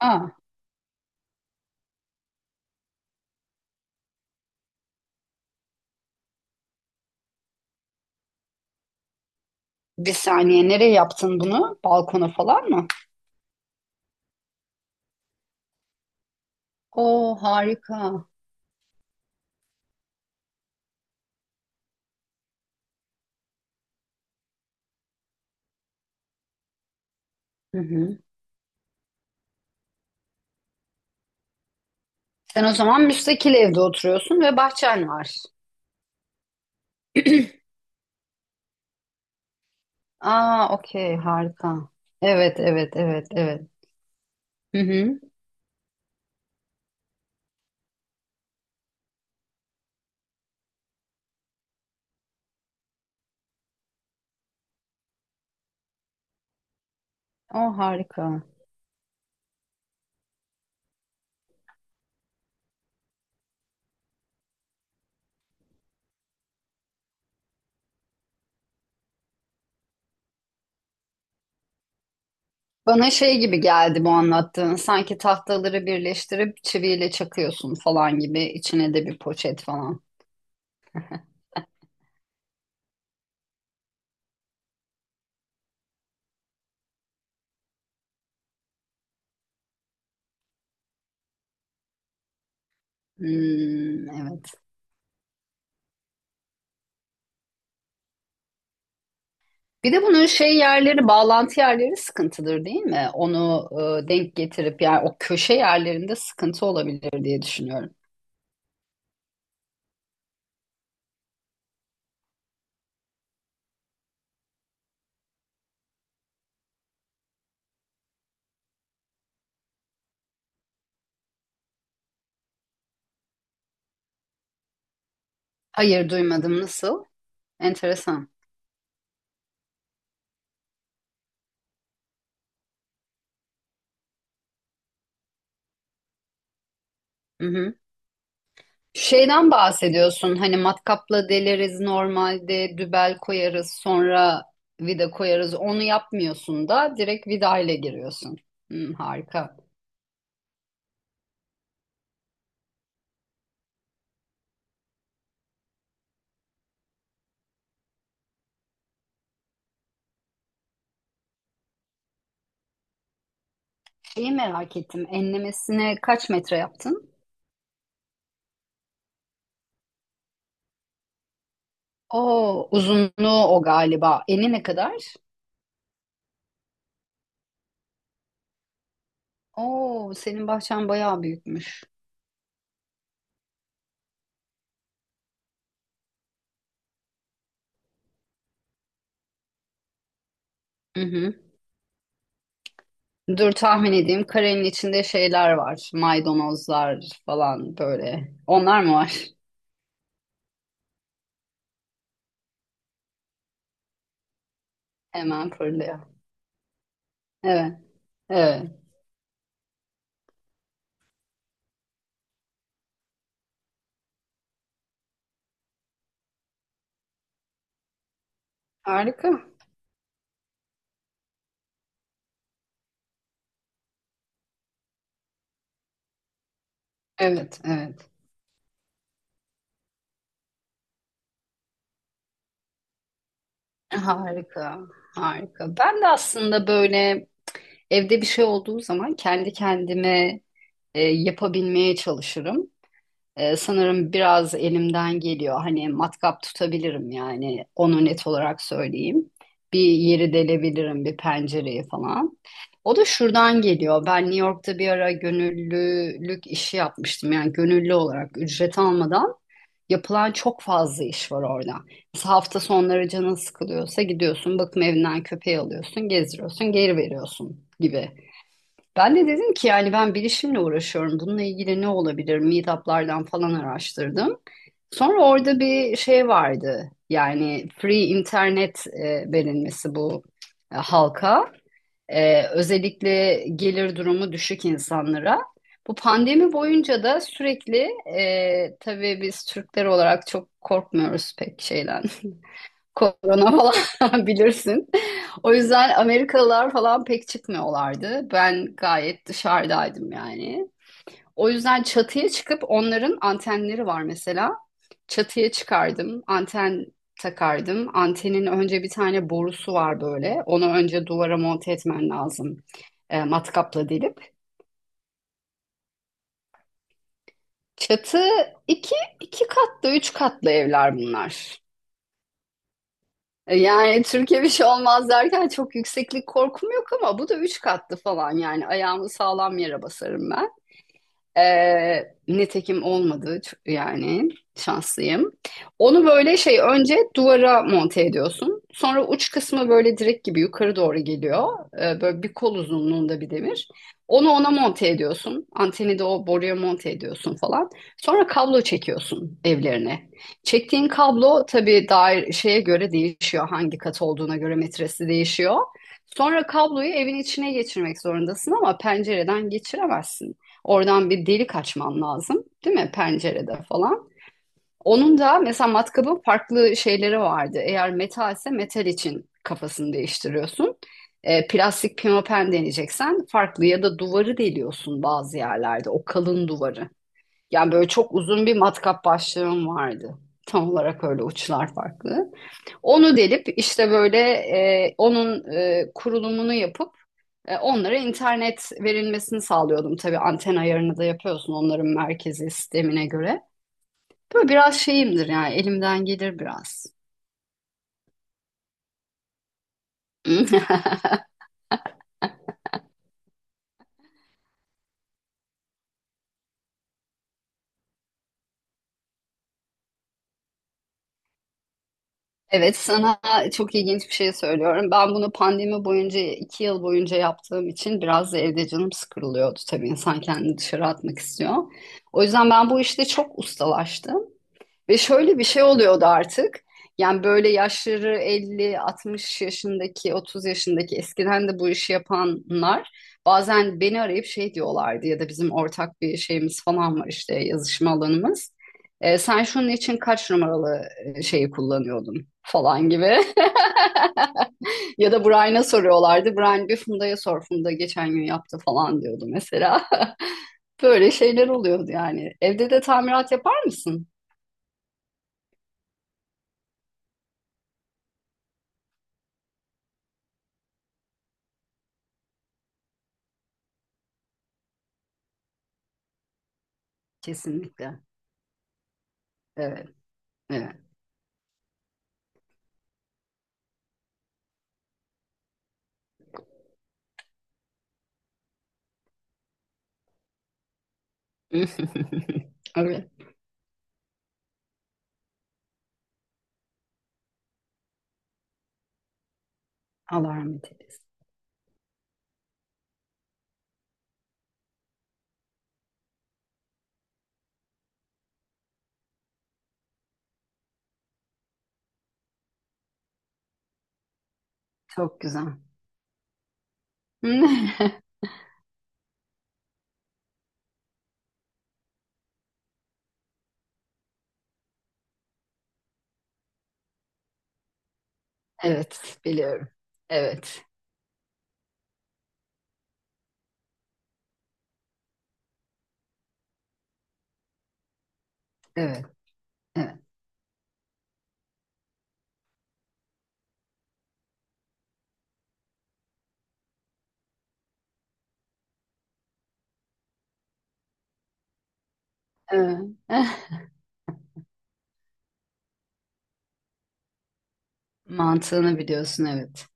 Aa, bir saniye nereye yaptın bunu? Balkona falan mı? Oo harika. Hı hı. Sen o zaman müstakil evde oturuyorsun ve bahçen var. Aa, okey, harika. Evet, evet, evet, evet. Hı hı. O harika. Bana şey gibi geldi bu anlattığın. Sanki tahtaları birleştirip çiviyle çakıyorsun falan gibi. İçine de bir poşet falan. Hmm, evet. Bir de bunun şey yerleri, bağlantı yerleri sıkıntıdır değil mi? Onu denk getirip yani o köşe yerlerinde sıkıntı olabilir diye düşünüyorum. Hayır duymadım, nasıl? Enteresan. Hı hı. Şeyden bahsediyorsun hani matkapla deleriz normalde, dübel koyarız, sonra vida koyarız, onu yapmıyorsun da direkt vida ile giriyorsun. Hı, harika. Şeyi merak ettim, enlemesine kaç metre yaptın? O uzunluğu o galiba. Eni ne kadar? Oo, senin bahçen bayağı büyükmüş. Hı hı. Dur tahmin edeyim. Karenin içinde şeyler var. Maydanozlar falan böyle. Onlar mı var? Hemen fırlıyor. Evet, evet. Harika. Evet, evet. Harika, harika. Ben de aslında böyle evde bir şey olduğu zaman kendi kendime yapabilmeye çalışırım. Sanırım biraz elimden geliyor. Hani matkap tutabilirim, yani onu net olarak söyleyeyim. Bir yeri delebilirim, bir pencereyi falan. O da şuradan geliyor. Ben New York'ta bir ara gönüllülük işi yapmıştım. Yani gönüllü olarak ücret almadan yapılan çok fazla iş var orada. Mesela hafta sonları canın sıkılıyorsa gidiyorsun, bakım evinden köpeği alıyorsun, gezdiriyorsun, geri veriyorsun gibi. Ben de dedim ki yani ben bilişimle uğraşıyorum. Bununla ilgili ne olabilir? Meetup'lardan falan araştırdım. Sonra orada bir şey vardı. Yani free internet verilmesi, bu halka. E, özellikle gelir durumu düşük insanlara. Bu pandemi boyunca da sürekli tabii biz Türkler olarak çok korkmuyoruz pek şeyden. Korona falan bilirsin. O yüzden Amerikalılar falan pek çıkmıyorlardı. Ben gayet dışarıdaydım yani. O yüzden çatıya çıkıp onların antenleri var mesela. Çatıya çıkardım, anten takardım. Antenin önce bir tane borusu var böyle. Onu önce duvara monte etmen lazım. E, matkapla delip. Çatı iki, iki katlı, üç katlı evler bunlar. E, yani Türkiye bir şey olmaz derken çok yükseklik korkum yok ama bu da üç katlı falan, yani ayağımı sağlam yere basarım ben. Nitekim olmadı yani şanslıyım. Onu böyle şey, önce duvara monte ediyorsun. Sonra uç kısmı böyle direk gibi yukarı doğru geliyor. Böyle bir kol uzunluğunda bir demir. Onu ona monte ediyorsun. Anteni de o boruya monte ediyorsun falan. Sonra kablo çekiyorsun evlerine. Çektiğin kablo tabii dair şeye göre değişiyor. Hangi kat olduğuna göre metresi değişiyor. Sonra kabloyu evin içine geçirmek zorundasın ama pencereden geçiremezsin. Oradan bir delik açman lazım, değil mi? Pencerede falan. Onun da mesela matkabın farklı şeyleri vardı. Eğer metalse metal için kafasını değiştiriyorsun. E, plastik pimapen deneyeceksen farklı, ya da duvarı deliyorsun bazı yerlerde. O kalın duvarı. Yani böyle çok uzun bir matkap başlığım vardı. Tam olarak öyle, uçlar farklı. Onu delip işte böyle onun kurulumunu yapıp onlara internet verilmesini sağlıyordum. Tabii anten ayarını da yapıyorsun onların merkezi sistemine göre. Böyle biraz şeyimdir yani, elimden gelir biraz. Evet, sana çok ilginç bir şey söylüyorum. Ben bunu pandemi boyunca 2 yıl boyunca yaptığım için biraz da evde canım sıkılıyordu. Tabii insan kendini dışarı atmak istiyor. O yüzden ben bu işte çok ustalaştım. Ve şöyle bir şey oluyordu artık. Yani böyle yaşları 50, 60 yaşındaki, 30 yaşındaki eskiden de bu işi yapanlar bazen beni arayıp şey diyorlardı, ya da bizim ortak bir şeyimiz falan var, işte yazışma alanımız. E, sen şunun için kaç numaralı şeyi kullanıyordun falan gibi. Ya da Brian'a soruyorlardı. Brian bir Funda'ya sor. Funda geçen gün yaptı falan diyordu mesela. Böyle şeyler oluyordu yani. Evde de tamirat yapar mısın? Kesinlikle. Evet. Evet. Evet. Allah rahmet eylesin. Çok güzel. Evet, biliyorum. Evet, evet, evet. Evet. Mantığını biliyorsun, evet.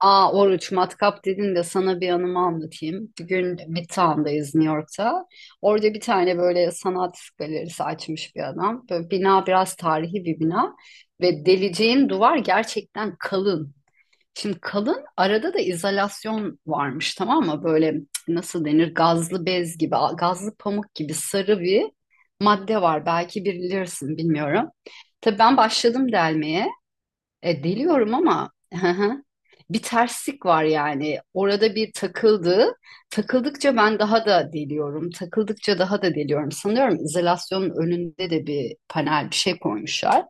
Aa, Oruç, matkap dedin de sana bir anımı anlatayım. Bir gün Midtown'dayız, New York'ta. Orada bir tane böyle sanat galerisi açmış bir adam. Böyle bina biraz tarihi bir bina. Ve deleceğin duvar gerçekten kalın. Şimdi kalın, arada da izolasyon varmış, tamam mı? Böyle nasıl denir, gazlı bez gibi, gazlı pamuk gibi sarı bir madde var. Belki bilirsin, bilmiyorum. Tabii ben başladım delmeye. E, deliyorum ama hı hı. Bir terslik var yani. Orada bir takıldı. Takıldıkça ben daha da deliyorum. Takıldıkça daha da deliyorum. Sanıyorum izolasyonun önünde de bir panel bir şey koymuşlar.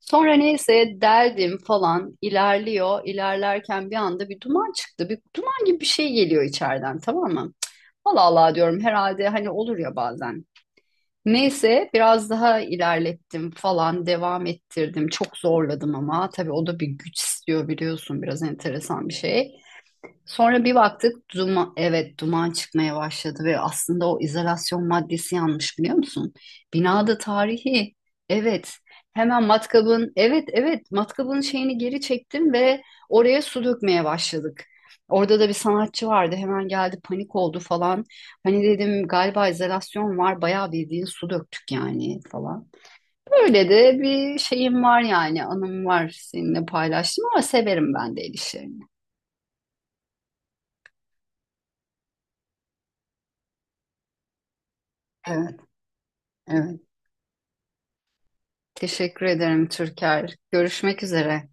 Sonra neyse, deldim falan, ilerliyor. İlerlerken bir anda bir duman çıktı. Bir duman gibi bir şey geliyor içeriden, tamam mı? Allah Allah diyorum, herhalde hani olur ya bazen. Neyse biraz daha ilerlettim falan, devam ettirdim. Çok zorladım ama tabii o da bir güç istiyor biliyorsun, biraz enteresan bir şey. Sonra bir baktık duman, evet, duman çıkmaya başladı ve aslında o izolasyon maddesi yanmış, biliyor musun? Binada tarihi, evet, hemen matkabın, evet, evet, matkabın şeyini geri çektim ve oraya su dökmeye başladık. Orada da bir sanatçı vardı, hemen geldi, panik oldu falan. Hani dedim galiba izolasyon var bayağı, bildiğin su döktük yani falan. Öyle de bir şeyim var yani, anım var, seninle paylaştım ama severim ben de el işlerini. Evet, evet. Teşekkür ederim Türker. Görüşmek üzere.